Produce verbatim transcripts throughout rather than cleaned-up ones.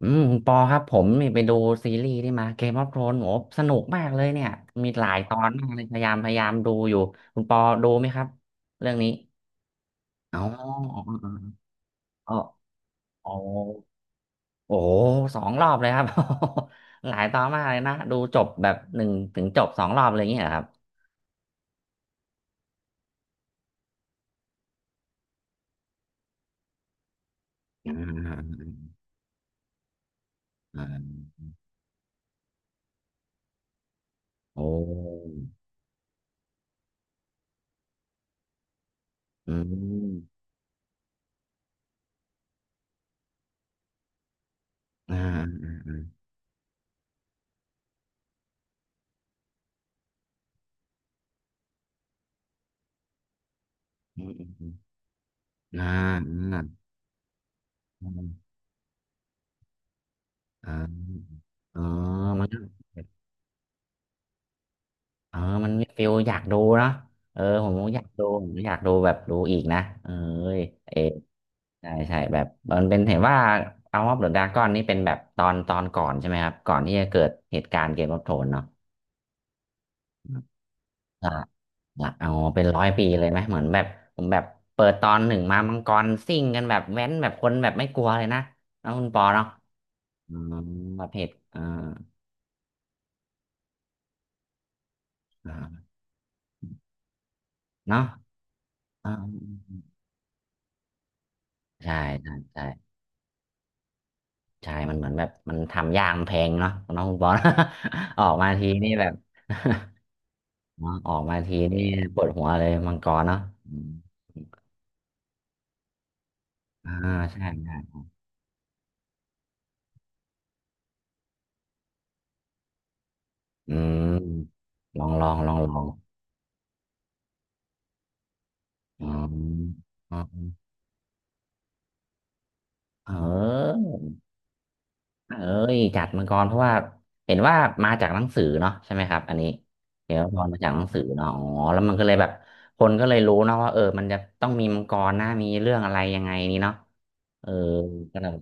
อืมคุณปอครับผมนี่ไปดูซีรีส์ที่มาเกมออฟโธรนโอ้สนุกมากเลยเนี่ยมีหลายตอนมากเลยพยายามพยายามดูอยู่คุณปอดูไหมครับเรื่องนี้อ๋ออ๋ออ๋อโอ้โหสองรอบเลยครับ หลายตอนมากเลยนะดูจบแบบหนึ่งถึงจบสองรอบเลยอย่างเงี้ยเหรอครับอ่าอ่าโอ้อืมอ่าอ่าอ่าอ่าอมอืมอ่าอ่าอ่าอ๋อมันก็ เออมันมีฟิลอยากดูเนาะเออผมก็อยากดูผมก็อยากดูแบบดูอีกนะเออเออใช่ใช่แบบมันเป็นเห็นว่าเอาออฟเดอะดราก้อนนี่เป็นแบบตอนตอนก่อนใช่ไหมครับ ก่อนที่จะเกิดเหตุการณ์เกมออฟโทนเนาะอ่าละเอาเป็นร้อยปีเลยไหม เหมือนแบบผมแบบเปิดตอนหนึ่งมามังกรซิ่งกันแบบแว้นแบบคนแบบไม่กลัวเลยนะน้องคุณปอเนาะอืมแบบเหตุอ่าอ่าเนาะอ่าใช่ใช่ใช่ ใช่ มันเหมือนแบบมันทำยากมันแพงเนาะน้องคุณปอน ออกมาทีนี่แบบ เนาะออกมาทีนี่ปวดหัวเลยมังกรเนาะอืมอ่าใช่ใช่อืมลองลองลองลองอออมเออเอ้ยจัดมังกรเพราะว่าเห็นว่ามาจากหนังสือเนาะใช่ไหมครับอันนี้เดี๋ยวตอรมาจากหนังสือเนาะอ๋อแล้วมันก็เลยแบบคนก็เลยรู้เนาะว่าเออมันจะต้องมีมังกรนะมีเรื่องอะไรยังไงนี้เนาะเออก็เลย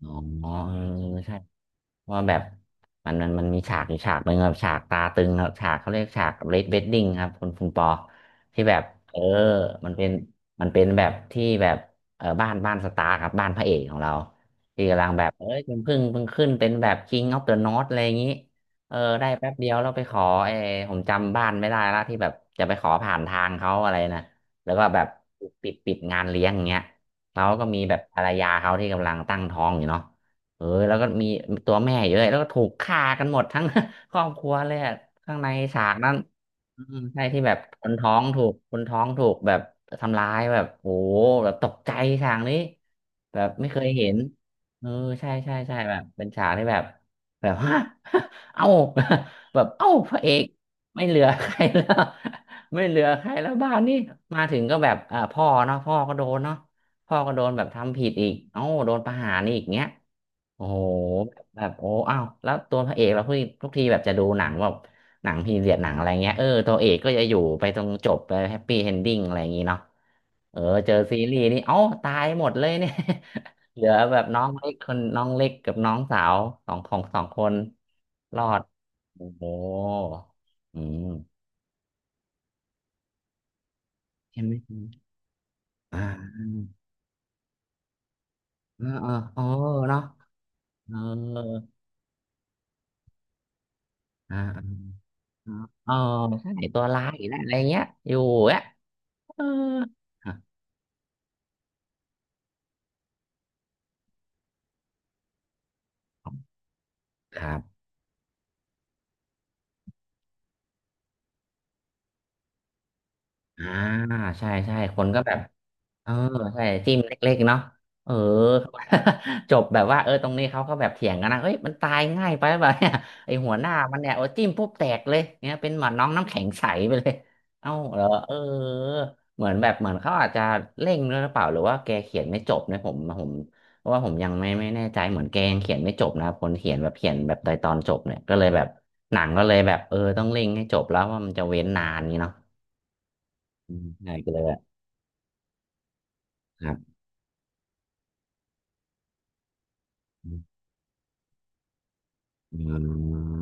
อ๋อเออใช่ ว่าแบบมันมันมันมีฉากอยู่ฉากหนึ่งครับฉากตาตึงครับฉากเขาเรียกฉากเรดเวดดิ้งครับคุณคุณปอที่แบบเออมันเป็นมันเป็นแบบที่แบบเออบ้านบ้านสตาร์ครับบ้านพระเอกของเราที่กำลังแบบเอ้ยเพิ่งเพิ่งเพิ่งขึ้นเป็นแบบ King of the North อะไรอย่างนี้เออได้แป๊บเดียวเราไปขอเออผมจำบ้านไม่ได้ละที่แบบจะไปขอผ่านทางเขาอะไรนะแล้วก็แบบปิดปิดงานเลี้ยงอย่างเงี้ยเขาก็มีแบบภรรยาเขาที่กำลังตั้งท้องอยู่เนาะ เออแล้วก็มีตัวแม่เยอะแล้วก็ถูกฆ่ากันหมดทั้ง ครอบครัวเลยอะข้างในฉากนั้นอืมใช่ที่แบบคนท้องถูกคนท้องถูกแบบทำร้ายแบบโอ้หแบบตกใจฉากนี้แบบไม่เคยเห็นเออใช่ใช่ใช่แบบเป็นฉากที่แบบแบบฮะ เอ้า แบบเอ้าพระเอกไม่เหลือใครแล้ว ไม่เหลือใครแล้วบ้านนี่มาถึงก็แบบอ่าพ่อเนาะพ่อก็โดนเนาะพ่อก็โดนแบบทำผิดอีกเอ้าโดนประหารอีกเงี้ย โอ้โหแบบโอ้อ้าวแล้วตัวพระเอกเราทุกทุกทีแบบจะดูหนังแบบหนังพีเรียดหนังอะไรเงี้ยเออตัวเอกก็จะอยู่ไปตรงจบไปแฮปปี้เอนดิ้งอะไรอย่างงี้เนาะเออเจอซีรีส์นี่เอ้าตายหมดเลยเนี่ย เหลือแบบน้องเล็กคนน้องเล็กกับน้องสาวสองของสองคนรอดโอ้โหอืมใช่ไหมอ่าเออเออเออเนาะเอออ่าอ๋อใช่ตัวร้ายอีกแล้วอะไรเงี้ยอยู่อ่ะ เออครับครับอ่าใช่ใช่คนก็แบบ เออใช่จิ้มเล็กๆเนาะเออ จบแบบว่าเออตรงนี้เขาก็แบบเถียงกันนะเฮ้ยมันตายง่ายไปแบบเนี่ย ไอหัวหน้ามันเนี่ยโอ้จิ้มปุ๊บแตกเลยเนี่ยเป็นหมือนน้องน้ำแข็งใสไปเลย เอ้าเหรอเออเหมือนแบบเหมือนเขาอาจจะเร่งด้วยหรือเปล่าหรือว่าแกเขียนไม่จบนะผมผมเพราะว่าผมยังไม่ไม่แน่ใจเหมือนแกยังเขียนไม่จบนะคนเขียนแบบเขียนแบบตอนตอนจบเนี่ยก็เลยแบบหนังก็เลยแบบเออต้องเร่งให้จบแล้วว่ามันจะเว้นนานนี้เนาะอืมใช่ก็เลยแบบครับ อืม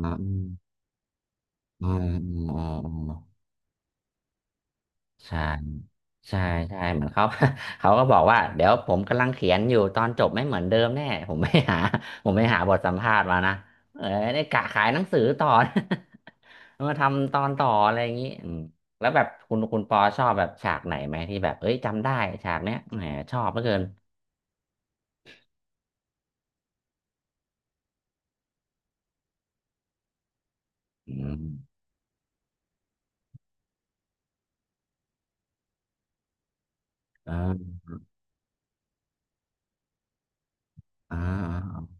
อืมอืมอืมอืมอใช่ใช่ใช่เหมือนเขา เขาก็บอกว่าเดี๋ยวผมกำลังเขียนอยู่ตอนจบไม่เหมือนเดิมแน่ผมไม่หา ผมไม่หาบทสัมภาษณ์มานะเออได้กะขายหนังสือต่อ มาทำตอนต่ออะไรอย่างนี้อืมแล้วแบบคุณคุณปอชอบแบบฉากไหนไหมที่แบบเอ้ยจำได้ฉากเนี้ยแหมชอบเหลือเกินอืมอ่าอ่าอ่า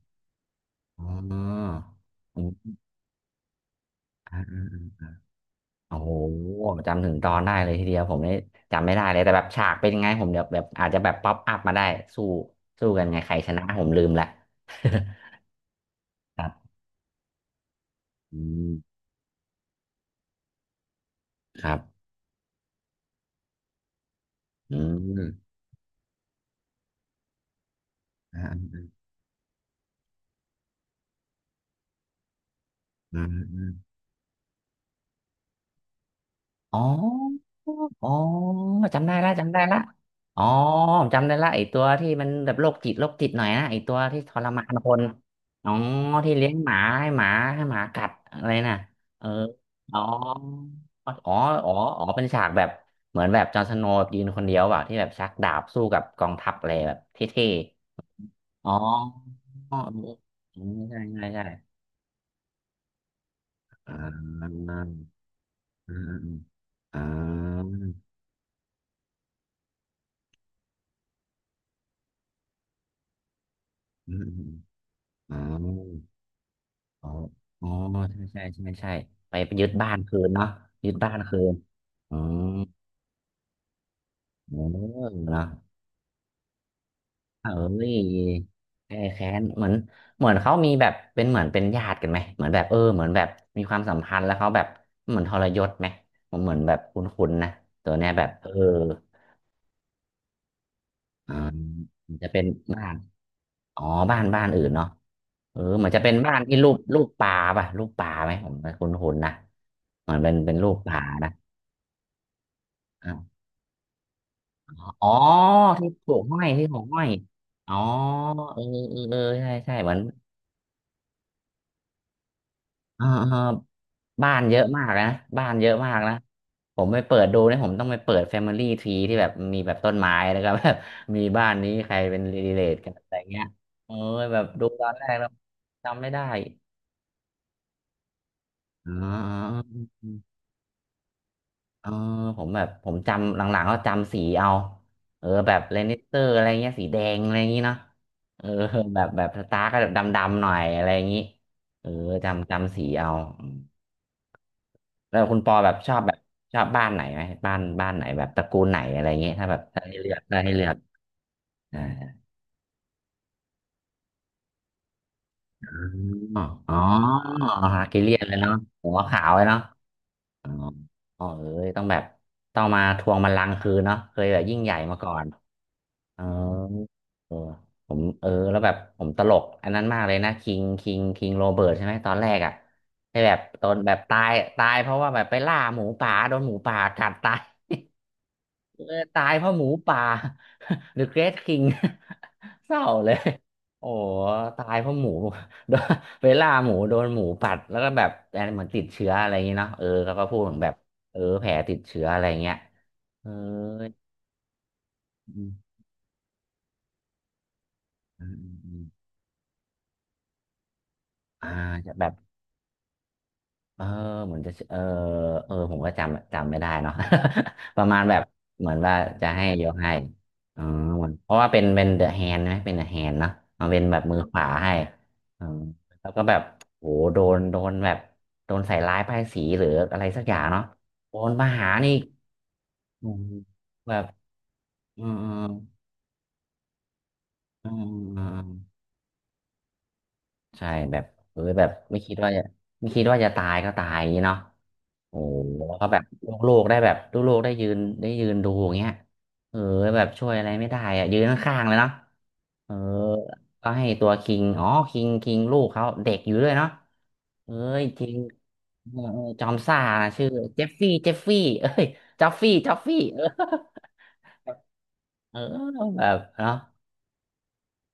อ๋ออืมอ่า โอ้โหจำถึงตอนได้เลยทีเดียวผมนี่จำไม่ได้เลยแต่แบบฉากเป็นยังไงผมเดี๋ยวแบบอาจจะแบบป๊อปอัพมาได้สู้สู้กันไงใครชนะผมลืมละ ครับอืมครับอืมอ่า อ๋ออ๋อจำได้ละจำได้ละอ๋อผมจำได้ละไอตัวที่มันแบบโรคจิตโรคจิตหน่อยนะไอตัวที่ทรมานคนอ๋อที่เลี้ยงหมาให้หมาให้หมากัดอะไรน่ะเอออ๋ออ๋ออ๋ออ๋อเป็นฉากแบบเหมือนแบบจอห์นสโนว์ยืนคนเดียวเปล่าที่แบบชักดาบสู้กับกองทัพอะไรแบบเท่ๆอ๋ออ๋อเออใช่ใช่ใช่อ่าอ่าอ่าอ่าอืมอืมอืม อ๋ออ๋อใช่ใช่ใช่ใช่ไปไปยึดบ้านคืนเนาะยึดบ้านคืนอ๋อเออเนาะเอ้ยแก้แค้นเหมือนเหมือนเขามีแบบเป็นเหมือนเป็นญาติกันไหมเหมือนแบบเออเหมือนแบบมีความสัมพันธ์แล้วเขาแบบเหมือนทรยศไหมผมเหมือนแบบคุ้นๆนะตัวเนี้ยแบบเอออ่ามันจะเป็นบ้านอ๋อบ้านบ้านอื่นเนาะเออเหมือนจะเป็นบ้านที่รูปรูปปลาป่ะรูปปลาไหมผมคุ้นๆนะเหมือนเป็นเป็นรูปปลานะ อ๋อที่โขกห้อยที่โขกห้อยอ๋อเออเออเออใช่ใช่เหมือนอ่าอ่าบ้านเยอะมากนะบ้านเยอะมากนะผมไปเปิดดูเนี่ยผมต้องไปเปิด Family Tree ที่แบบมีแบบต้นไม้นะครับ แบบมีบ้านนี้ใครเป็นรีเลทกันอะไรเงี้ยเออแบบดูตอนแรกแล้วจำไม่ได้อ๋อ เออผมแบบผมจำหลังๆก็จำสีเอาเออแบบเลนิสเตอร์อะไรเงี้ยสีแดงอะไรอย่างงี้เนาะเออ แบบแบบสตาร์ก็แบบดำๆหน่อยอะไรอย่างงี้เออจำจำสีเอาอืมแล้วคุณปอแบบชอบแบบชอบบ้านไหนไหมบ้านบ้านไหนแบบตระกูลไหนอะไรอย่างงี้ถ้าแบบถ้าให้เลือกถ้าให้เลือกอ่าอ๋ออ๋อฮาร์กิเลียนเลยเนาะหัวขาวเลยเนาะ อ๋อพ่อเอ้ยต้องแบบต้องมาทวงบัลลังก์คืนเนาะเคยแบบยิ่งใหญ่มาก่อนเออเออผมเออ แล้วแบบผมตลกอันนั้นมากเลยนะคิงคิงคิงโรเบิร์ตใช่ไหมตอนแรกอ่ะให้แบบตอนแบบตายตายเพราะว่าแบบไปล่าหมูป่าโดนหมูป่ากัดตาย เออตายเพราะหมูป่า The Great King เศร้าเลยโอ้ตายเพราะหมู โดนเวลาหมูโดนหมูกัดแล้วก็แบบแต่เหมือนติดเชื้ออะไรอย่างเงี้ยเนาะเออเขาก็พูดเหมือนแบบเออแผลติดเชื้ออะไรเงี้ยเอออืมอืมอืมอ่าจะแบบ เออเหมือนจะเออเออผมก็จำจำไม่ได้เนาะ ประมาณแบบเหมือนว่าจะให้ยกให้อ๋อเหมือนเพราะว่าเป็นเป็นเดอะแฮนด์ไหมเป็นเดอะแฮนด์เนาะเอาเป็นแบบมือขวาให้อ๋อแล้วก็แบบโหโดนโดนแบบโดนใส่ร้ายป้ายสีหรืออะไรสักอย่างเนาะโดนมาหานี่อืมแบบอืมอืมอืมอืมอืมใช่แบบเออแบบไม่คิดว่าจะไม่คิดว่าจะตายก็ตายอย่างนี้เนาะ โอ้โหเขาแบบลูกโลกได้แบบลูกโลกได้ยืนได้ยืนดูอย่างเงี้ยเออแบบช่วยอะไรไม่ได้อะยืนข้างๆเลยเนาะเออก็ให้ตัวคิงอ๋อคิงคิงลูกเขาเด็กอยู่ด้วยเนาะเอ้ยคิงเออเออจอมซ่านะชื่อเจฟฟี่เจฟฟี่เอ้ยจอฟฟี่จอฟฟี่เออ เออแบบเนาะ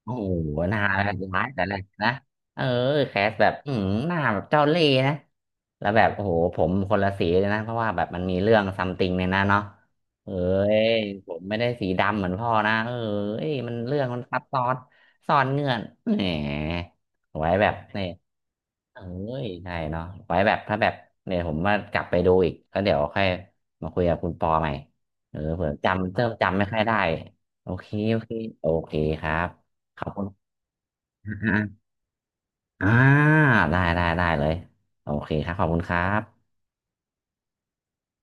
โอ้โหหน้าแบบร้ายแต่แรกนะเออแคสแบบอืมหน้าแบบเจ้าเล่ห์นะแล้วแบบโอ้โหผมคนละสีเลยนะเพราะว่าแบบมันมีเรื่องซัมติงในนั้นเนาะเอ้ยผมไม่ได้สีดำเหมือนพ่อนะ เอ้ยมันเรื่องมันซับซ้อนซ่อนเงื่อนแหมไว้แบบนี่เอ้ยใช่เนาะไว้แบบถ้าแบบเนี่ยผมว่ากลับไปดูอีกแล้วเดี๋ยวค่อยมาคุยกับคุณปอใหม่เออเผื่อจำเริ่มจำไม่ค่อยได้ โอเคโอเคโอเคครับขอบคุณ อ่าอ่าอ่าได้ได้ได้เลยโอเคครับขอบคุณครับ